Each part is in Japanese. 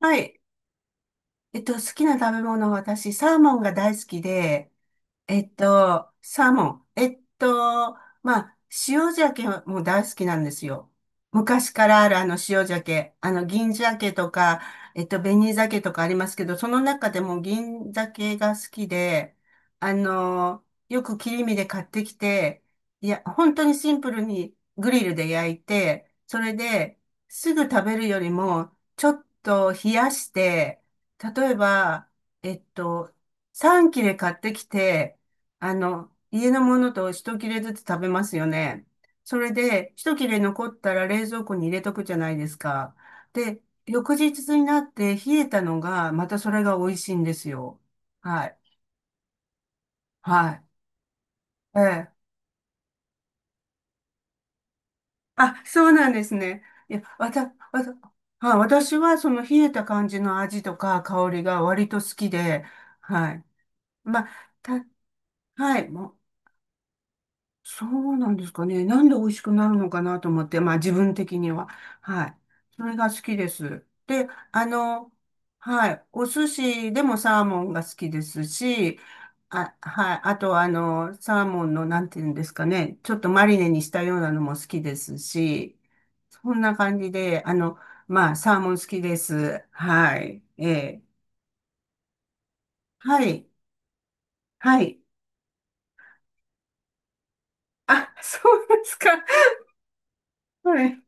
はい。好きな食べ物は私、サーモンが大好きで、サーモン。まあ、塩鮭も大好きなんですよ。昔からあるあの塩鮭、あの銀鮭とか、紅鮭とかありますけど、その中でも銀鮭が好きで、あの、よく切り身で買ってきて、いや、本当にシンプルにグリルで焼いて、それですぐ食べるよりも、ちょっと冷やして、例えば、えっと、3切れ買ってきて、家のものと一切れずつ食べますよね。それで、一切れ残ったら冷蔵庫に入れとくじゃないですか。で、翌日になって冷えたのが、またそれが美味しいんですよ。はい。はい。ええ。あ、そうなんですね。いや、わた、わた、はい、私はその冷えた感じの味とか香りが割と好きで、はい。まあ、た、はい。もうそうなんですかね。なんで美味しくなるのかなと思って、まあ自分的には。はい。それが好きです。で、はい。お寿司でもサーモンが好きですし、あ、はい。あと、サーモンの、なんていうんですかね。ちょっとマリネにしたようなのも好きですし、そんな感じで、まあ、サーモン好きです。はい。ええ。はい。はい。あ、そうですか。はい。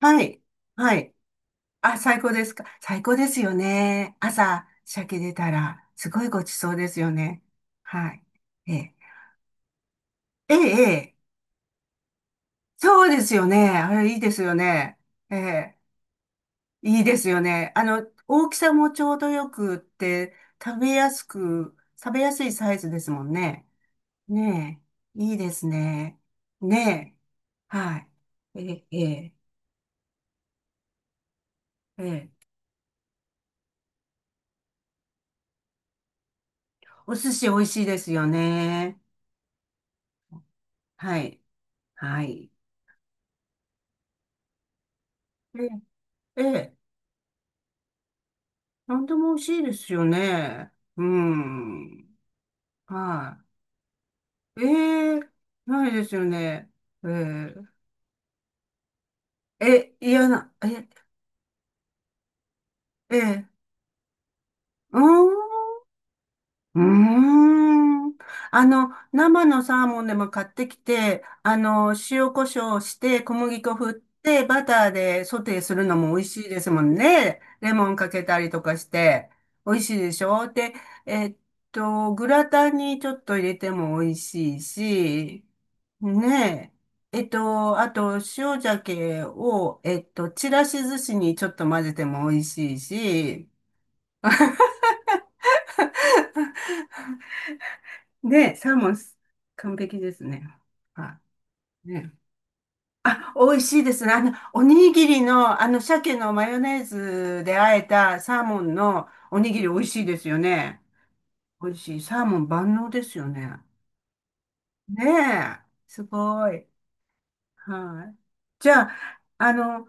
はい。はい。あ、最高ですか。最高ですよね。朝、鮭出たら、すごいごちそうですよね。はい。ええ、ええ、ええそうですよね。あれ、いいですよね。ええ、いいですよね。大きさもちょうどよくって、食べやすく、食べやすいサイズですもんね。ねえ、いいですね。ねえ、はい。ええ、ええ、ええお寿司美味しいですよね。はい、はい。ええ、ええなんでも美味しいですよね。うん。はい。ええないですよね。えええ、嫌な、ええうーん。うーん。生のサーモンでも買ってきて、塩コショウして、小麦粉振って、バターでソテーするのも美味しいですもんね。レモンかけたりとかして、美味しいでしょで、えっグラタンにちょっと入れても美味しいし、ねえ。あと、塩鮭を、ちらし寿司にちょっと混ぜても美味しいし、で、サーモンス、完璧ですね。はい。ね。あ、美味しいですね。おにぎりの、鮭のマヨネーズで和えたサーモンのおにぎり美味しいですよね。美味しい。サーモン万能ですよね。ねえ。すごい。はい。じゃあ、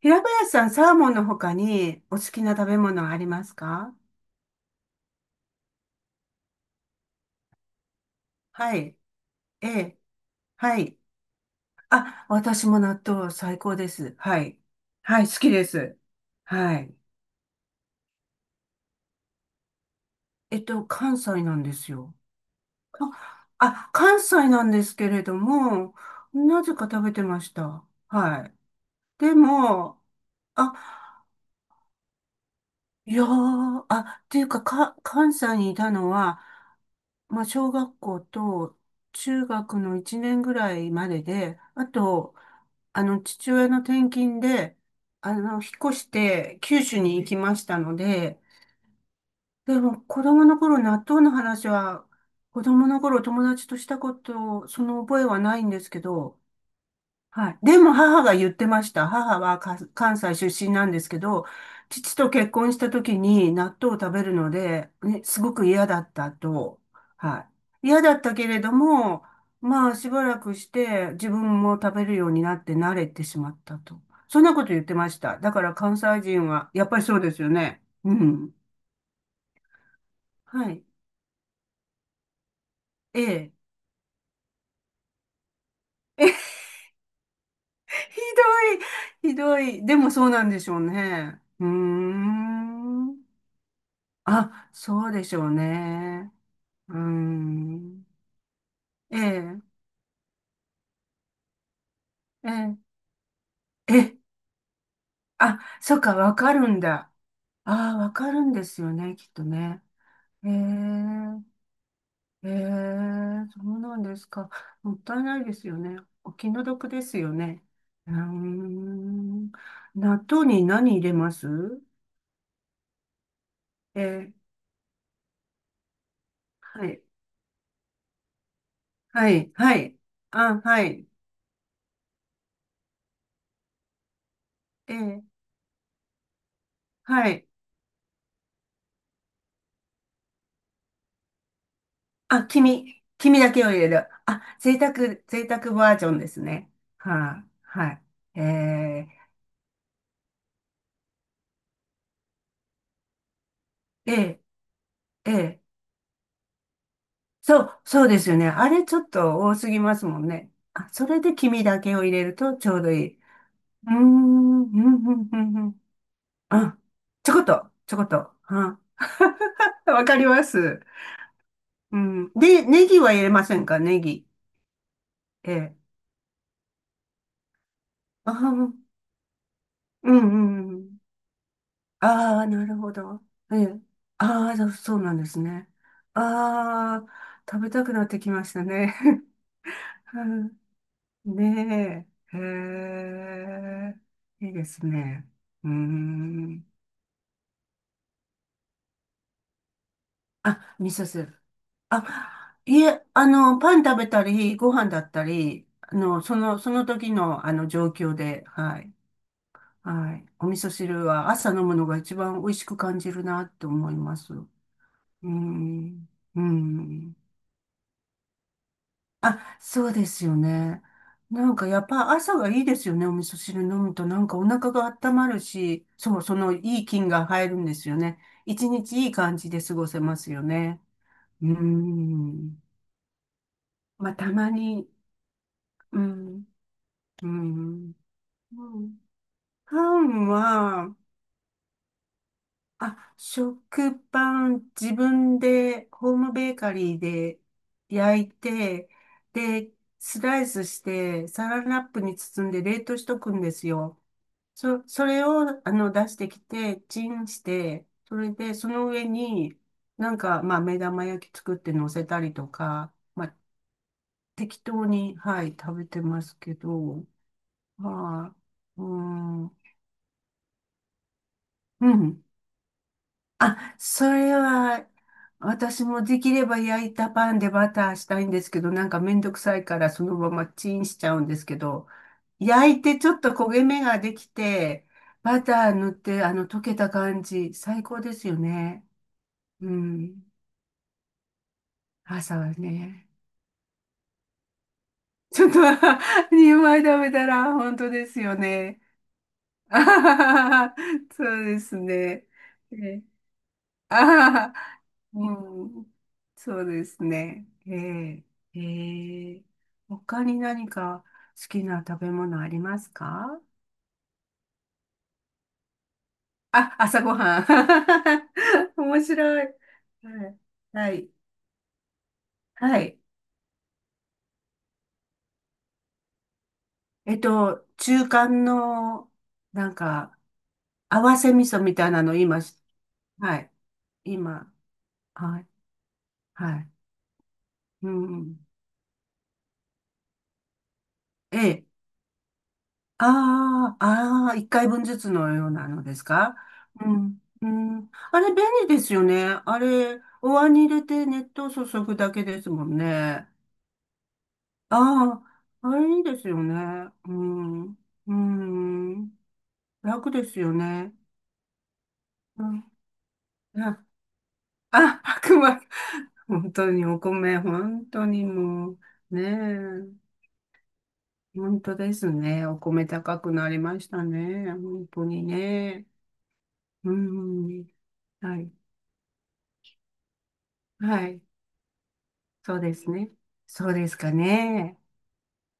平林さん、サーモンの他にお好きな食べ物ありますか？はい。ええ。はい。あ、私も納豆最高です。はい。はい、好きです。はい。関西なんですよ。あ関西なんですけれども、なぜか食べてました。はい。でも、あ、いやー、っていうか、関西にいたのは、まあ、小学校と中学の1年ぐらいまでで、あと、父親の転勤で、引っ越して九州に行きましたので、でも、子供の頃、納豆の話は、子供の頃友達としたこと、その覚えはないんですけど、はい。でも、母が言ってました。母は関西出身なんですけど、父と結婚した時に納豆を食べるので、ね、すごく嫌だったと。はい。嫌だったけれども、まあ、しばらくして自分も食べるようになって慣れてしまったと。そんなこと言ってました。だから関西人は、やっぱりそうですよね。うん。はい。ええ。え ひどい、ひどい。でもそうなんでしょうね。うーん。あ、そうでしょうね。うーん。ええ、ええ、え、あ、そっか、わかるんだ。ああ、わかるんですよね、きっとね。ええ、ええ、そうなんですか。もったいないですよね。お気の毒ですよね。うーん。納豆に何入れます？ええ、はい、はい、はい。あ、はい。ええ、はい。あ、黄身だけを入れる。あ、贅沢バージョンですね。はい、はい。ええ、ええ、ええ。そうですよね。あれちょっと多すぎますもんね。あ、それで黄身だけを入れるとちょうどいい。うーん、うん、うん、うん、うん。あ、ちょこっと、ちょこっと。あ わかります。うん。で、ネギは入れませんかネギ？ええ。あ、うん、うん、うん。ああ、なるほど。ええ。ああ、そうそうなんですね。ああ、食べたくなってきましたね。うんねえ。へえ。いいですね。うーん。あ、味噌汁。あ、いえ、パン食べたり、ご飯だったり、その時の、状況で、はい。はい。お味噌汁は朝飲むのが一番美味しく感じるなって思います。うーん。うーん。あ、そうですよね。なんかやっぱ朝がいいですよね。お味噌汁飲むとなんかお腹が温まるし、そのいい菌が入るんですよね。一日いい感じで過ごせますよね。うーん。まあたまに、うん、うん。うんパンは、あ、食パン自分でホームベーカリーで焼いて、で、スライスしてサランラップに包んで冷凍しとくんですよ。それを、出してきて、チンして、それで、その上に、なんか、まあ、目玉焼き作って乗せたりとか、まあ、適当に、はい、食べてますけど、まあ、うーん、うん、あ、それは、私もできれば焼いたパンでバターしたいんですけど、なんかめんどくさいからそのままチンしちゃうんですけど、焼いてちょっと焦げ目ができて、バター塗って、溶けた感じ、最高ですよね。うん。朝はね。ちょっと2枚 食べたら本当ですよね。あははははそうですね。ねあははは、うん。そうですね。ええ、ええ。他に何か好きな食べ物ありますか？あ、朝ごはん。面白い。はい。はい。はい。中間の、なんか、合わせ味噌みたいなのはい。今、はい。はい。うんうん。ええ。ああ、ああ、一回分ずつのようなのですか？うん、うん。あれ便利ですよね。あれ、お椀に入れて熱湯を注ぐだけですもんね。ああ、あれいいですよね。うん、うん。楽ですよね。うん、あ、あ、白米。本当にお米、本当にもう、ねえ。本当ですね。お米高くなりましたね。本当にね。うん、はい。はい。そうですね。そうですかね。